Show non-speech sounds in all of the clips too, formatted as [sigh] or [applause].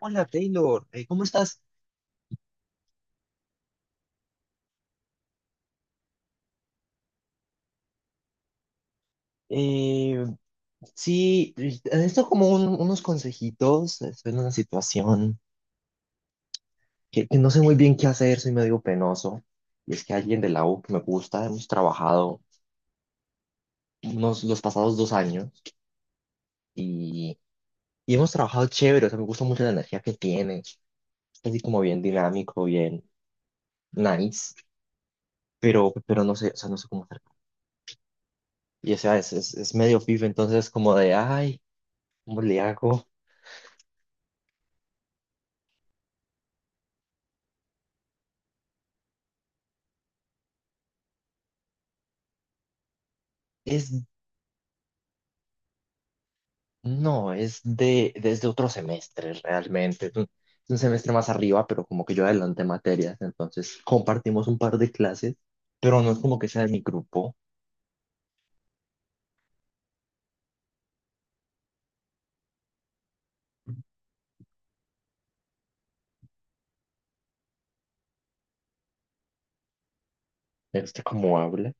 Hola Taylor. ¿Cómo estás? Eh, sí, esto como unos consejitos, estoy en una situación que no sé muy bien qué hacer, soy medio penoso, y es que alguien de la U que me gusta, hemos trabajado unos, los pasados dos años y, y hemos trabajado chévere. O sea, me gusta mucho la energía que tiene, es así como bien dinámico, bien nice, pero no sé, o sea, no sé cómo hacer. Y o sea, es medio pif, entonces como de, ay, ¿cómo le hago? Es No, es desde otro semestre realmente. Es un semestre más arriba, pero como que yo adelanté materias, entonces compartimos un par de clases, pero no es como que sea de mi grupo. Me gusta cómo habla,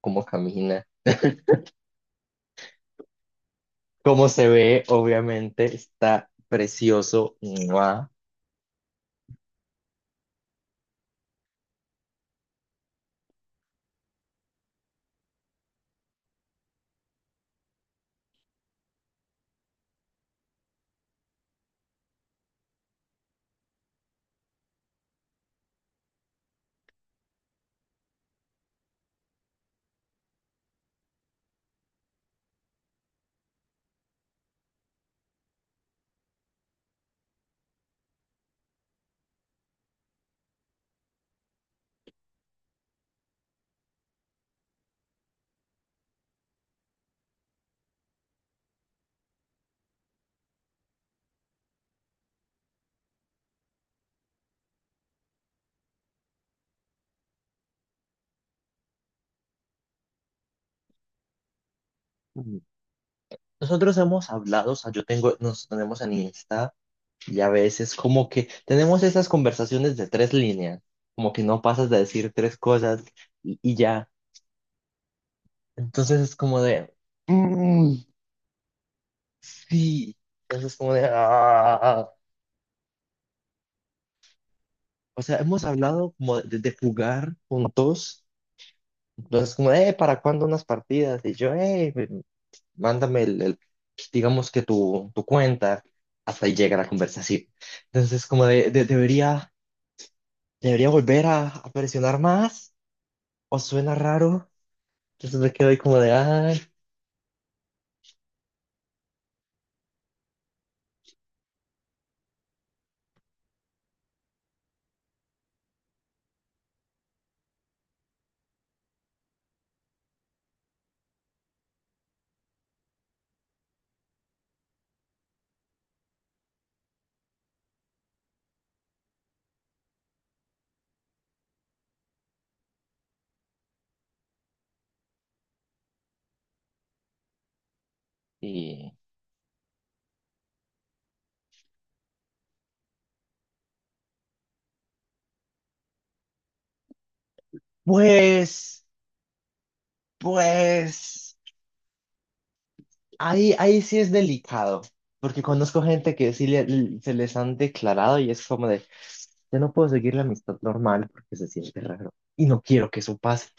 cómo camina, [laughs] cómo se ve, obviamente, está precioso. ¡Mua! Nosotros hemos hablado, o sea, yo tengo, nos tenemos en Insta y a veces como que tenemos esas conversaciones de tres líneas, como que no pasas de decir tres cosas y ya. Entonces es como de, "Mm, sí". Entonces es como de, "Ah". O sea, hemos hablado como de jugar juntos. Entonces como, ¿para cuándo unas partidas? Y yo, mándame digamos que tu cuenta. Hasta ahí llega la conversación. Entonces como de, debería, debería volver a presionar más. ¿O suena raro? Entonces me quedo ahí como de, ay. Y pues, pues. Ahí sí es delicado, porque conozco gente que sí se les han declarado y es como de, yo no puedo seguir la amistad normal porque se siente raro y no quiero que eso pase,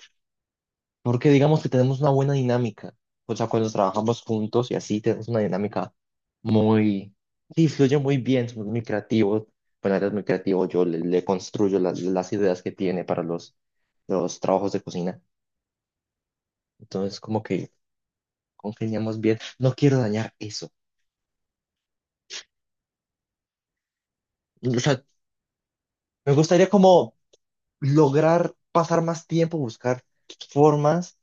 porque digamos que tenemos una buena dinámica, o sea, cuando trabajamos juntos y así tenemos una dinámica muy, sí, fluye muy bien, somos muy creativos, bueno, eres muy creativo, yo le construyo las ideas que tiene para los trabajos de cocina, entonces como que congeniamos bien, no quiero dañar eso. O sea, me gustaría como lograr pasar más tiempo, buscar formas,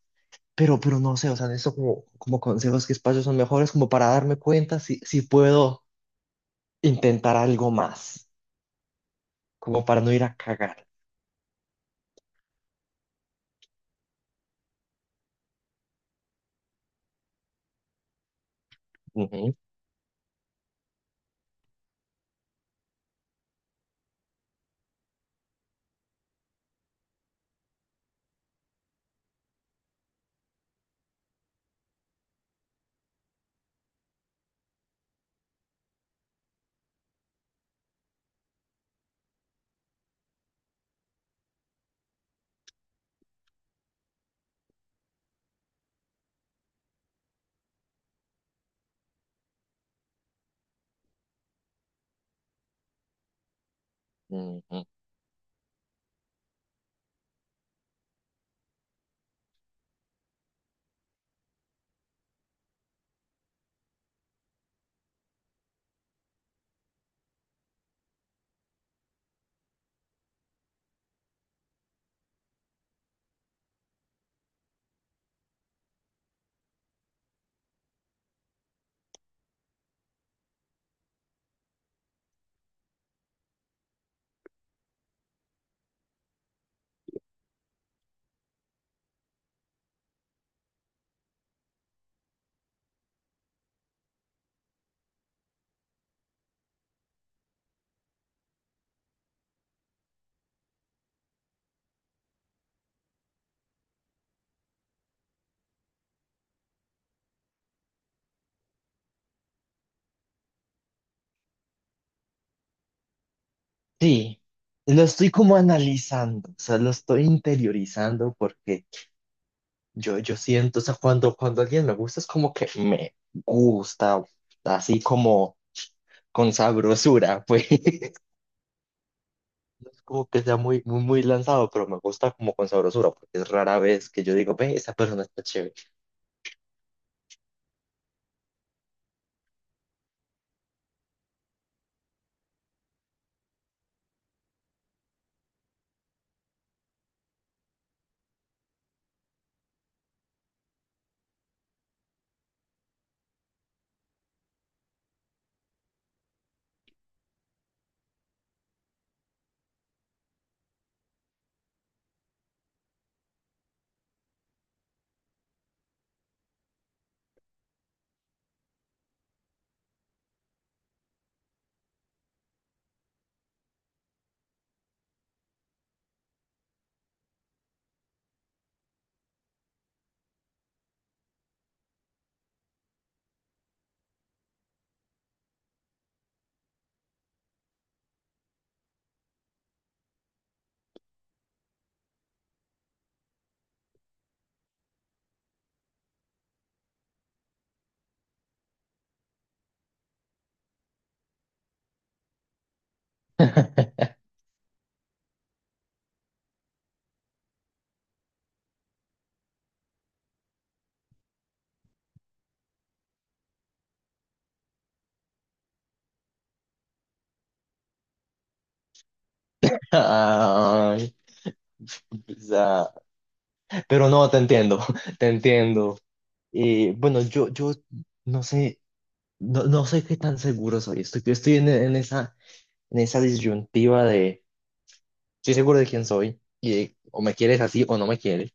pero no sé, o sea, eso como, como consejos que espacios son mejores, como para darme cuenta si puedo intentar algo más, como para no ir a cagar. Ujú, ujú. Sí, lo estoy como analizando, o sea, lo estoy interiorizando porque yo siento, o sea, cuando alguien me gusta es como que me gusta, así como con sabrosura, [laughs] pues. No es como que sea muy, muy, muy lanzado, pero me gusta como con sabrosura, porque es rara vez que yo digo, ve, esa persona está chévere. [laughs] Ay, quizá. Pero no, te entiendo, [laughs] te entiendo. Y bueno, yo no sé, no, no sé qué tan seguro soy. Estoy, yo estoy en esa disyuntiva de, estoy seguro de quién soy, y de, o me quieres así o no me quieres.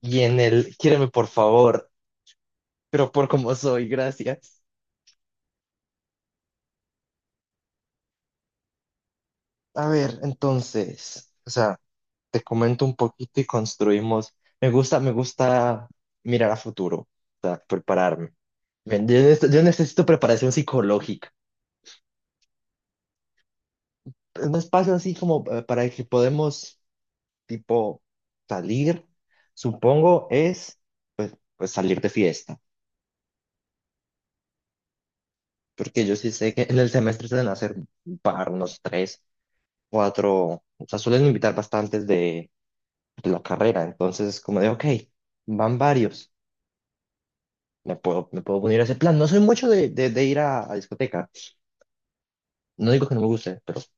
Y en el, quiéreme por favor, pero por cómo soy, gracias. A ver, entonces, o sea, te comento un poquito y construimos. Me gusta mirar a futuro, o sea, prepararme. Bien, yo, yo necesito preparación psicológica. Un espacio así como para que podemos, tipo, salir, supongo, es pues salir de fiesta. Porque yo sí sé que en el semestre suelen hacer un par, unos tres, cuatro, o sea, suelen invitar bastantes de la carrera. Entonces, como de, ok, van varios. Me puedo poner a ese plan. No soy mucho de, de ir a discoteca. No digo que no me guste, pero es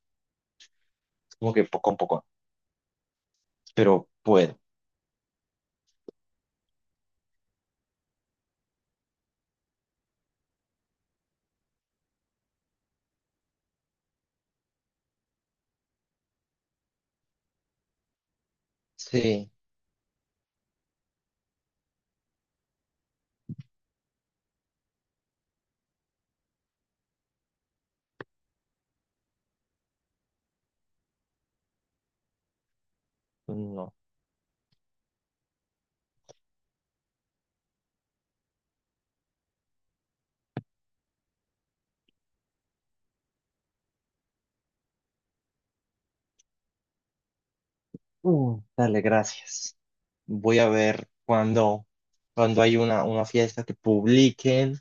como que poco a poco. Pero puedo. Sí, no. Mm, dale, gracias. Voy a ver cuando, cuando hay una fiesta que publiquen,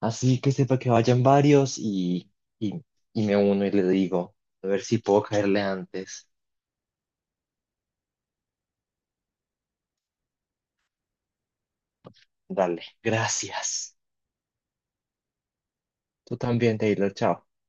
así que sepa que vayan varios y, y me uno y le digo, a ver si puedo caerle antes. Dale, gracias. Tú también, Taylor, chao.